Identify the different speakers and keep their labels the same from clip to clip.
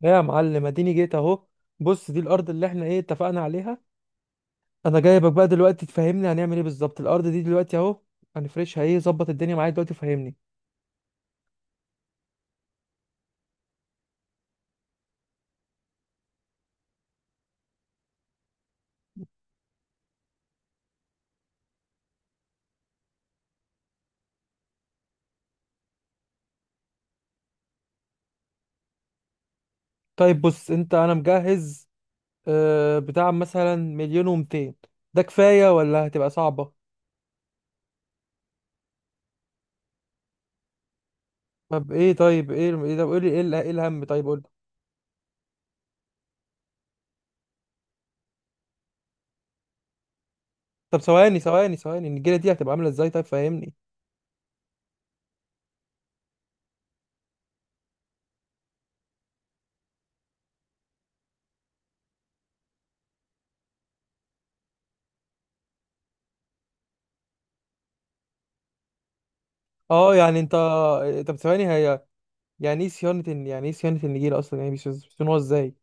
Speaker 1: لا يا معلم اديني جيت اهو. بص دي الارض اللي احنا اتفقنا عليها. انا جايبك بقى دلوقتي تفهمني هنعمل ايه بالظبط. الارض دي دلوقتي اهو هنفرشها ايه، ظبط الدنيا معايا دلوقتي فهمني. طيب بص، انت انا مجهز آه بتاع مثلا مليون ومتين، ده كفاية ولا هتبقى صعبة؟ طب ايه، طيب ايه ايه، طب قولي ايه ايه الهم، طيب قولي. طب ثواني ثواني ثواني، النجيلة دي هتبقى عاملة ازاي طيب، فهمني. اه يعني انت، طب ثواني هي يعني ايه صيانة يعني ايه صيانة النجيلة اصلا، يعني بيصونوها ازاي؟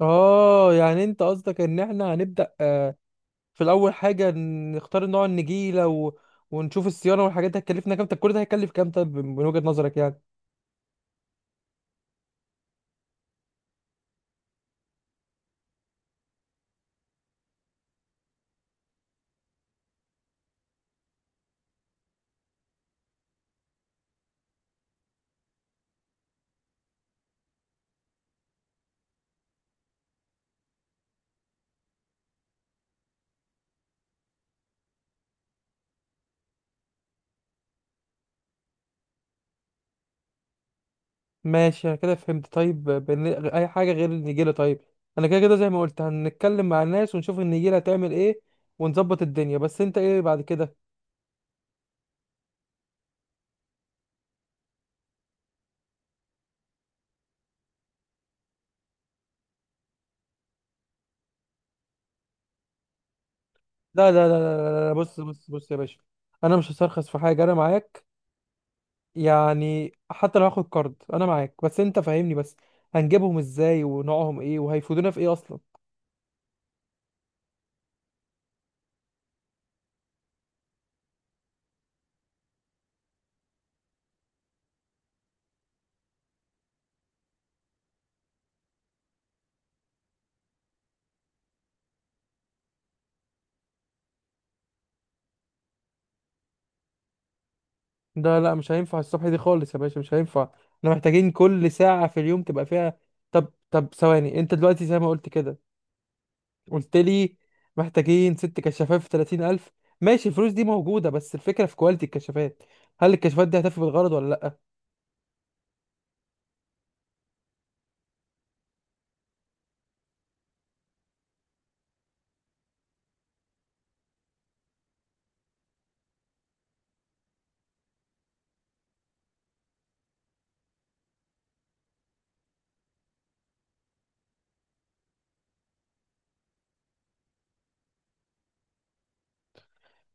Speaker 1: اه يعني انت قصدك ان احنا هنبدأ في الاول حاجة، نختار نوع النجيلة ونشوف الصيانة والحاجات دي هتكلفنا كام. طب كل ده هيكلف كام، طب من وجهة نظرك يعني؟ ماشي، انا كده فهمت. طيب اي حاجة غير النجيلة طيب؟ انا كده كده زي ما قلت هنتكلم مع الناس ونشوف النجيلة هتعمل ايه ونظبط الدنيا، بس انت ايه بعد كده؟ لا، بص بص بص يا باشا، انا مش هسترخص في حاجة، انا معاك. يعني حتى لو هاخد كارد انا معاك، بس انت فاهمني، بس هنجيبهم ازاي ونوعهم ايه وهيفيدونا في ايه اصلا؟ ده لا، مش هينفع الصبح دي خالص يا باشا، مش هينفع. احنا محتاجين كل ساعة في اليوم تبقى فيها. طب طب ثواني، انت دلوقتي زي ما قلت كده قلت لي محتاجين ست كشافات في 30000. ماشي، الفلوس دي موجودة، بس الفكرة في كواليتي الكشافات. هل الكشافات دي هتفي بالغرض ولا لا؟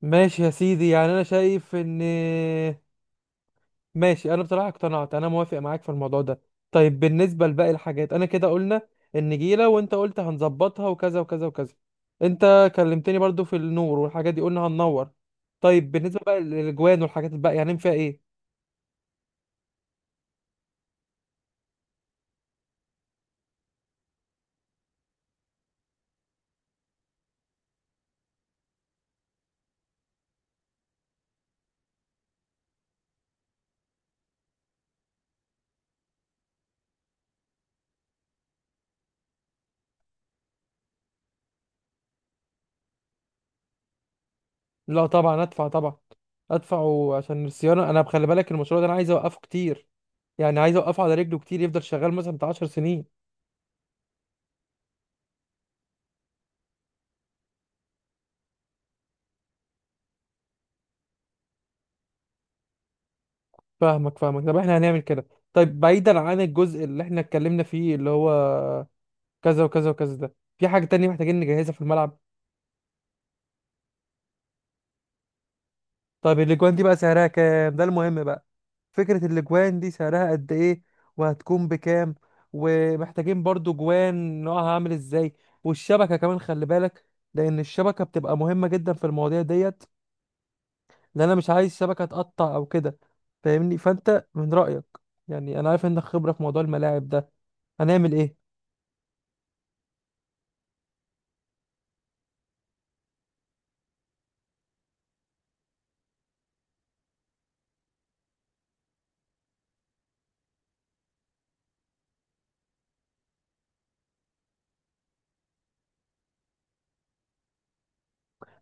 Speaker 1: ماشي يا سيدي، يعني انا شايف ان، ماشي، انا بصراحه اقتنعت، انا موافق معاك في الموضوع ده. طيب بالنسبه لباقي الحاجات، انا كده قلنا النجيله وانت قلت هنظبطها وكذا وكذا وكذا. انت كلمتني برضو في النور والحاجات دي، قلنا هننور. طيب بالنسبه بقى للاجوان والحاجات الباقيه هنعمل فيها ايه؟ لا طبعا ادفع، طبعا ادفع عشان الصيانه. انا بخلي بالك المشروع ده انا عايز اوقفه كتير، يعني عايز اوقفه على رجله كتير، يفضل شغال مثلا بتاع 10 سنين. فاهمك فاهمك. طب احنا هنعمل كده. طيب بعيدا عن الجزء اللي احنا اتكلمنا فيه اللي هو كذا وكذا وكذا، ده في حاجة تانية محتاجين نجهزها في الملعب؟ طيب الاجوان دي بقى سعرها كام، ده المهم بقى. فكرة الاجوان دي سعرها قد ايه وهتكون بكام؟ ومحتاجين برضو جوان نوعها عامل ازاي، والشبكة كمان خلي بالك، لان الشبكة بتبقى مهمة جدا في المواضيع ديت، لان انا مش عايز شبكة تقطع او كده. فاهمني؟ فانت من رأيك، يعني انا عارف انك خبرة في موضوع الملاعب ده، هنعمل ايه؟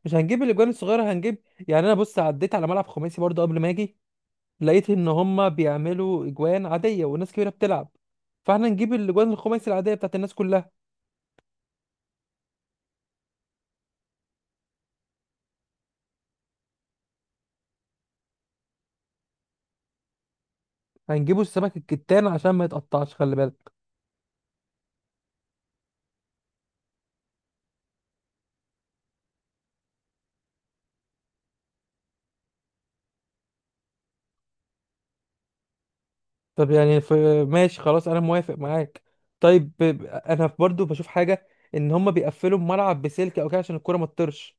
Speaker 1: مش هنجيب الاجوان الصغيرة، هنجيب، يعني انا بص عديت على ملعب خماسي برضو قبل ما اجي، لقيت ان هم بيعملوا اجوان عاديه وناس كبيره بتلعب، فاحنا نجيب الاجوان الخماسي العاديه بتاعت الناس كلها. هنجيبوا السمك الكتان عشان ما يتقطعش، خلي بالك. طب يعني ماشي خلاص، انا موافق معاك. طيب انا برضو بشوف حاجه، ان هم بيقفلوا الملعب بسلك او كده عشان الكره ما تطرش.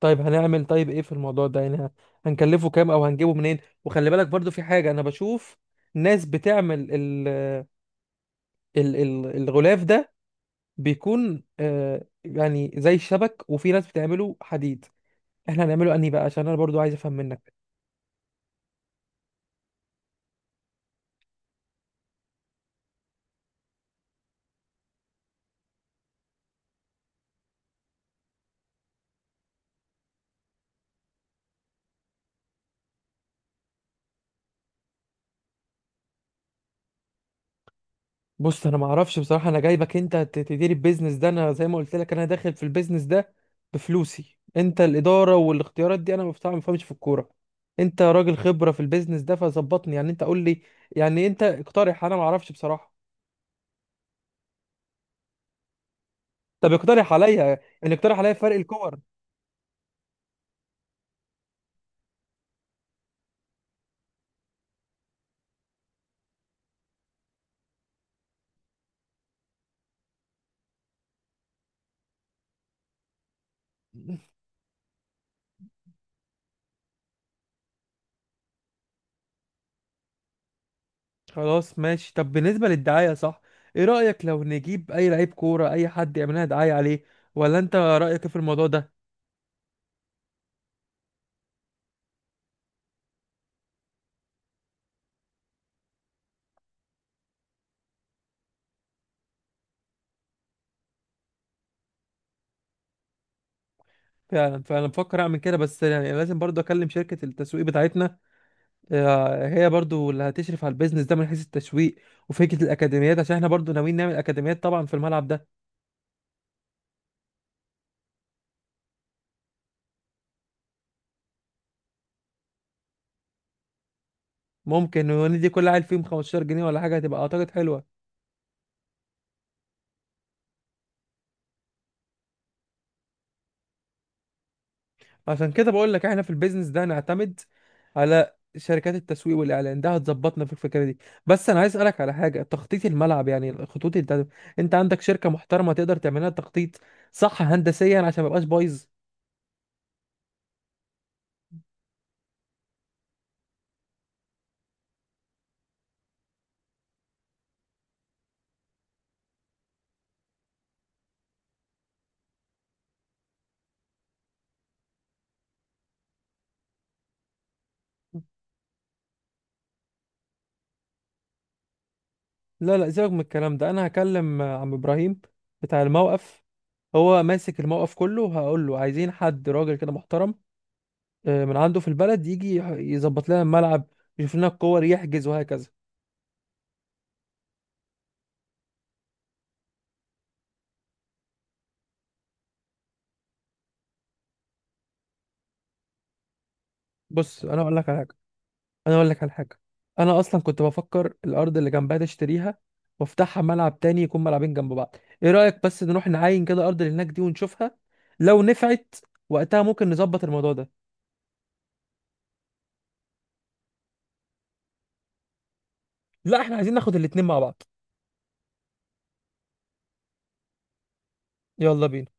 Speaker 1: طيب هنعمل، طيب ايه في الموضوع ده يعني هنكلفه كام او هنجيبه منين؟ وخلي بالك برضو في حاجه انا بشوف ناس بتعمل الغلاف ده بيكون آه يعني زي الشبك، وفي ناس بتعمله حديد. احنا هنعمله انهي بقى، عشان انا برضو عايز افهم منك. بص انا ما اعرفش بصراحه، انا جايبك انت تدير البيزنس ده، انا زي ما قلت لك انا داخل في البيزنس ده بفلوسي. انت الاداره والاختيارات دي، انا ما بصراحة ما بفهمش في الكوره. انت راجل خبره في البيزنس ده، فظبطني يعني، انت قول لي، يعني انت اقترح، انا ما اعرفش بصراحه. طب اقترح عليا، ان اقترح عليا فرق الكور. خلاص ماشي. طب بالنسبة للدعاية صح، ايه رأيك لو نجيب اي لعيب كورة اي حد يعمل لنا دعاية عليه، ولا انت رأيك إيه في الموضوع ده؟ فعلا، فانا بفكر اعمل كده، بس يعني لازم برضو اكلم شركة التسويق بتاعتنا. هي برضو اللي هتشرف على البيزنس ده من حيث التسويق وفكرة الاكاديميات، عشان احنا برضو ناويين نعمل اكاديميات طبعا في الملعب ده. ممكن وندي كل عيل فيهم 15 جنيه ولا حاجة، هتبقى اعتقد حلوة. عشان كده بقول لك احنا في البيزنس ده نعتمد على شركات التسويق والاعلان، ده هتظبطنا في الفكره دي. بس انا عايز اسالك على حاجه، تخطيط الملعب يعني الخطوط، انت انت عندك شركه محترمه تقدر تعملها تخطيط صح هندسيا عشان ما يبقاش بايظ؟ لا، سيبك من الكلام ده، انا هكلم عم ابراهيم بتاع الموقف. هو ماسك الموقف كله، وهقول له عايزين حد راجل كده محترم من عنده في البلد يجي يظبط لنا الملعب، يشوف لنا الكور، يحجز، وهكذا. بص انا اقول لك على حاجه، انا اقول لك على حاجه. انا اصلا كنت بفكر الارض اللي جنبها تشتريها وافتحها ملعب تاني، يكون ملعبين جنب بعض. ايه رايك بس نروح نعاين كده الارض اللي هناك دي ونشوفها، لو نفعت وقتها ممكن نظبط الموضوع ده. لا احنا عايزين ناخد الاتنين مع بعض. يلا بينا.